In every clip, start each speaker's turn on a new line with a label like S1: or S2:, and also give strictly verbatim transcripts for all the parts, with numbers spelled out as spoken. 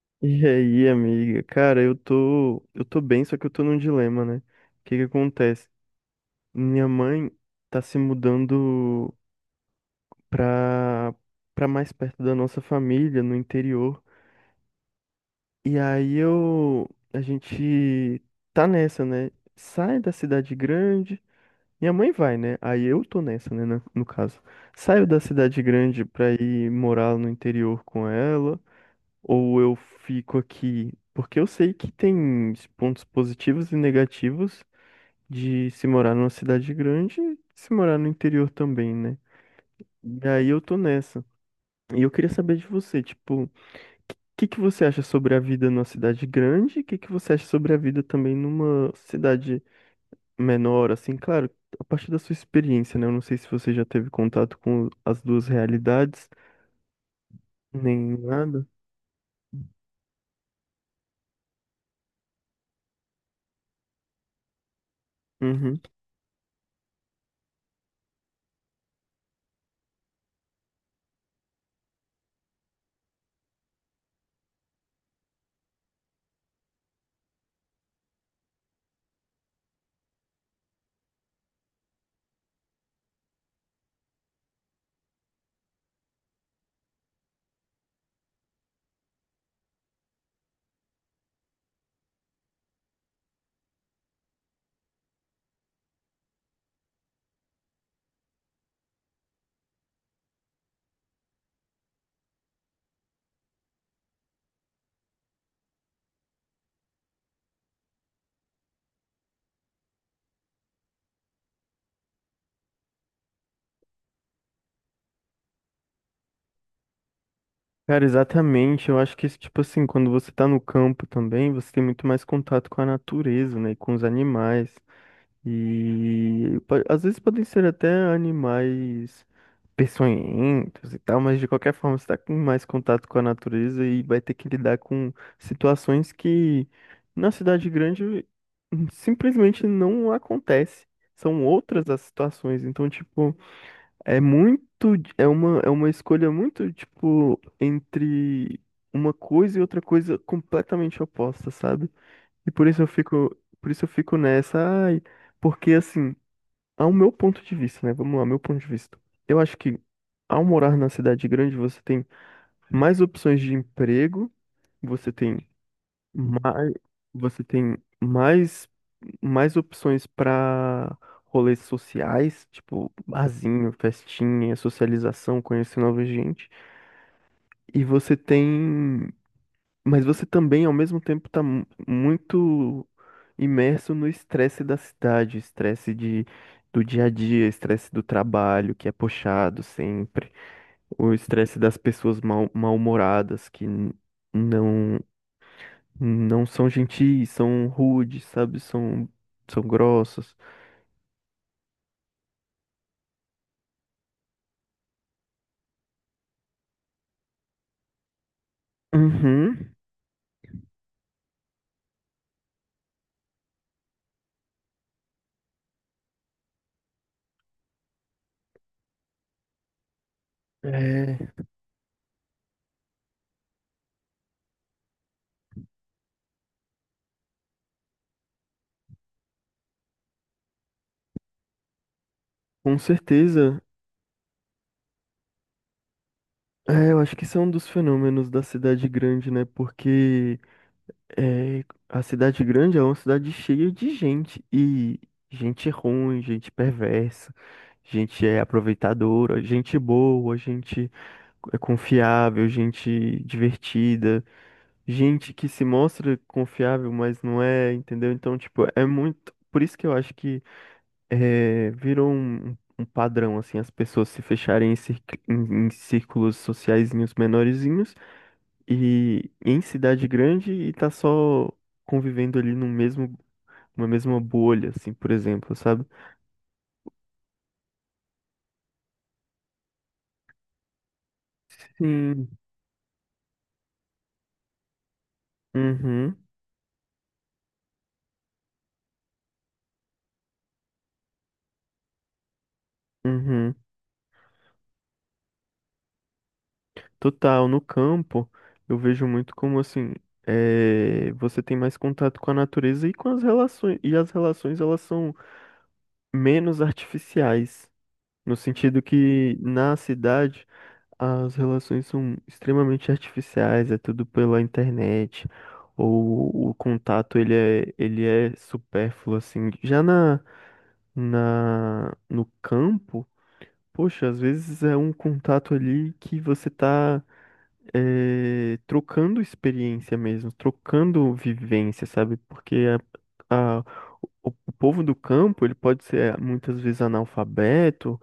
S1: E aí, amiga? Cara, eu tô, eu tô bem, só que eu tô num dilema, né? O que que acontece? Minha mãe tá se mudando pra, pra mais perto da nossa família, no interior. E aí eu, a gente tá nessa, né? Sai da cidade grande. Minha mãe vai, né? Aí eu tô nessa, né? na- No caso. Saio da cidade grande pra ir morar no interior com ela. Ou eu fico aqui? Porque eu sei que tem pontos positivos e negativos de se morar numa cidade grande e se morar no interior também, né? E aí eu tô nessa. E eu queria saber de você, tipo, o que que você acha sobre a vida numa cidade grande? O que que você acha sobre a vida também numa cidade menor, assim? Claro, a partir da sua experiência, né? Eu não sei se você já teve contato com as duas realidades, nem nada. Uhum. Cara, exatamente. Eu acho que, tipo assim, quando você tá no campo também, você tem muito mais contato com a natureza, né? E com os animais. E po- às vezes podem ser até animais peçonhentos e tal, mas de qualquer forma você tá com mais contato com a natureza e vai ter que lidar com situações que na cidade grande hum, simplesmente não acontece. São outras as situações. Então, tipo. É muito, é uma, é uma escolha muito, tipo, entre uma coisa e outra coisa completamente oposta, sabe? E por isso eu fico, por isso eu fico nessa, ai, porque assim, ao meu ponto de vista, né? Vamos lá, meu ponto de vista. Eu acho que ao morar na cidade grande, você tem mais opções de emprego, você tem mas você tem mais, mais opções para rolês sociais, tipo barzinho, festinha, socialização, conhecer nova gente. E você tem. Mas você também, ao mesmo tempo, tá mu- muito imerso no estresse da cidade, estresse de, do dia a dia, estresse do trabalho, que é puxado sempre, o estresse das pessoas mal, mal-humoradas que n- não. Não são gentis, são rudes, sabe? São, são grossos. Uhum. É, com certeza. É, eu acho que isso é um dos fenômenos da cidade grande, né? Porque é, a cidade grande é uma cidade cheia de gente. E gente ruim, gente perversa, gente é aproveitadora, gente boa, gente é confiável, gente divertida. Gente que se mostra confiável, mas não é, entendeu? Então, tipo, é muito. Por isso que eu acho que eh, virou um, um um padrão, assim, as pessoas se fecharem em, circ- em- em círculos sociaizinhos menorzinhos e em cidade grande e tá só convivendo ali no mesmo, uma mesma bolha, assim, por exemplo, sabe? Sim. Uhum, uhum. Total, no campo, eu vejo muito como assim, eh, você tem mais contato com a natureza e com as relações, e as relações elas são menos artificiais, no sentido que na cidade as relações são extremamente artificiais, é tudo pela internet, ou o contato ele é, ele é supérfluo assim. Já na, na no campo, poxa, às vezes é um contato ali que você tá é, trocando experiência mesmo, trocando vivência, sabe? Porque a, a- o, o povo do campo, ele pode ser eh, muitas vezes analfabeto,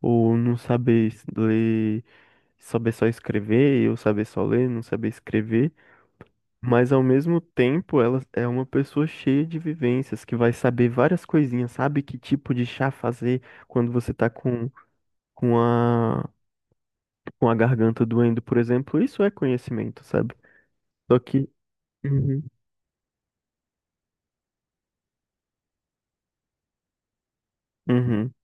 S1: ou não saber es- ler, saber só escrever, ou saber só ler, não saber escrever, mas ao mesmo tempo ela é uma pessoa cheia de vivências, que vai saber várias coisinhas, sabe que tipo de chá fazer quando você tá com, com a, com a garganta doendo, por exemplo, isso é conhecimento, sabe? Só que uhum, uhum,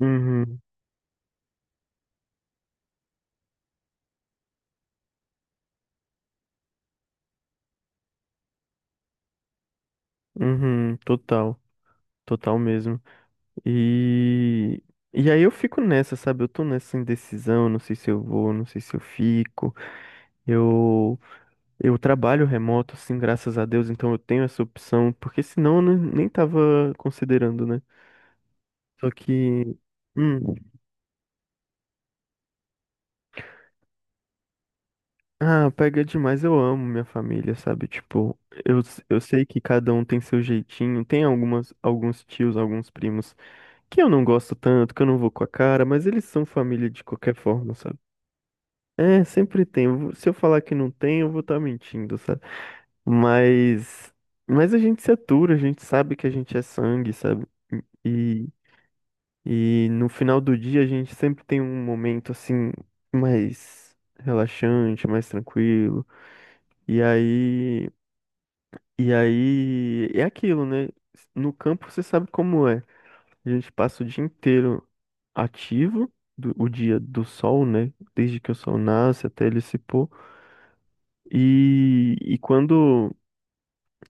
S1: uhum, uhum, total, total mesmo. E, e aí eu fico nessa, sabe? Eu tô nessa indecisão, não sei se eu vou, não sei se eu fico. Eu, eu trabalho remoto, assim, graças a Deus, então eu tenho essa opção, porque senão eu não- nem tava considerando, né? Só que, hum, ah, pega demais, eu amo minha família, sabe? Tipo, eu, eu sei que cada um tem seu jeitinho, tem algumas, alguns tios, alguns primos que eu não gosto tanto, que eu não vou com a cara, mas eles são família de qualquer forma, sabe? É, sempre tem. Eu vou- Se eu falar que não tem, eu vou estar mentindo, sabe? Mas, mas a gente se atura, a gente sabe que a gente é sangue, sabe? E, e no final do dia a gente sempre tem um momento assim mais relaxante, mais tranquilo. E aí, e aí é aquilo, né? No campo você sabe como é. A gente passa o dia inteiro ativo, do- o dia do sol, né? Desde que o sol nasce até ele se pôr. E, e quando,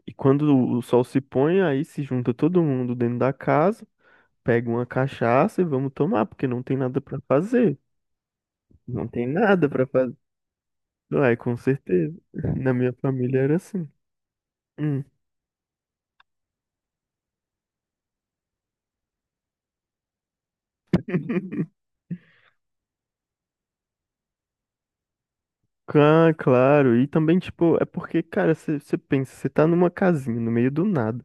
S1: e quando o sol se põe, aí se junta todo mundo dentro da casa, pega uma cachaça e vamos tomar, porque não tem nada pra fazer. Não tem nada pra fazer. Ué, com certeza. Na minha família era assim. Hum. Ah, claro. E também, tipo, é porque, cara, você pensa, você tá numa casinha no meio do nada.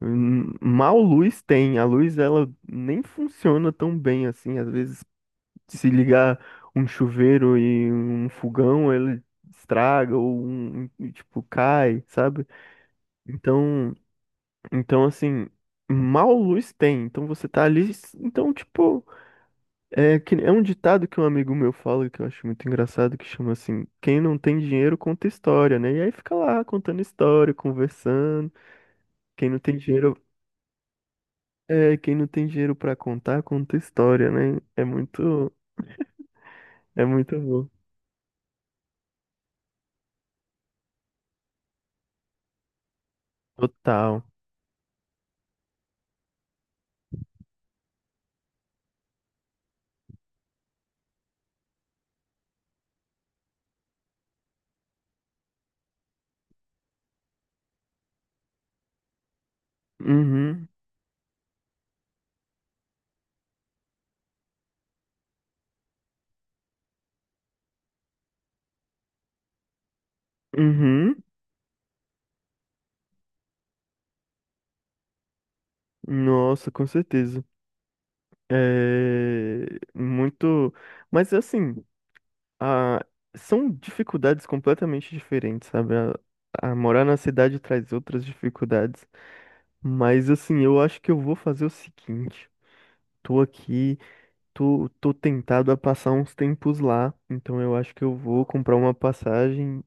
S1: Hum, Mal luz tem. A luz ela nem funciona tão bem assim. Às vezes, se ligar um chuveiro e um fogão, ele estraga ou um, um- tipo cai, sabe? Então, então assim, mal luz tem. Então você tá ali, então tipo, é que é um ditado que um amigo meu fala que eu acho muito engraçado que chama assim, quem não tem dinheiro conta história, né? E aí fica lá contando história, conversando. Quem não tem dinheiro É, quem não tem dinheiro pra contar, conta história, né? É muito, é muito bom. Total. Uhum, uhum. Nossa, com certeza. É muito, mas assim, a... são dificuldades completamente diferentes, sabe? A... a morar na cidade traz outras dificuldades, mas assim, eu acho que eu vou fazer o seguinte. Tô aqui, tô, tô tentado a passar uns tempos lá, então eu acho que eu vou comprar uma passagem.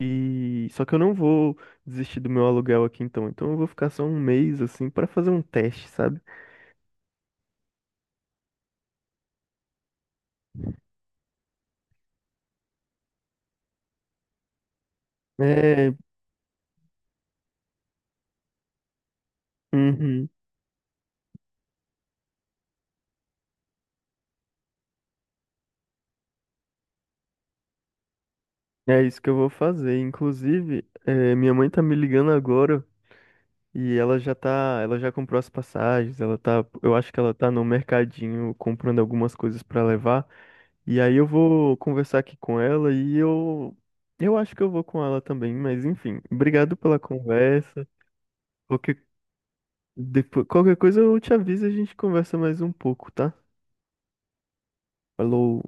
S1: E só que eu não vou desistir do meu aluguel aqui então. Então eu vou ficar só um mês assim para fazer um teste, sabe? É, uhum, é isso que eu vou fazer. Inclusive, é, minha mãe tá me ligando agora e ela já tá, ela já comprou as passagens, ela tá, eu acho que ela tá no mercadinho comprando algumas coisas para levar. E aí eu vou conversar aqui com ela e eu eu acho que eu vou com ela também, mas enfim, obrigado pela conversa. Qualquer Depois, qualquer coisa eu te aviso e a gente conversa mais um pouco, tá? Falou.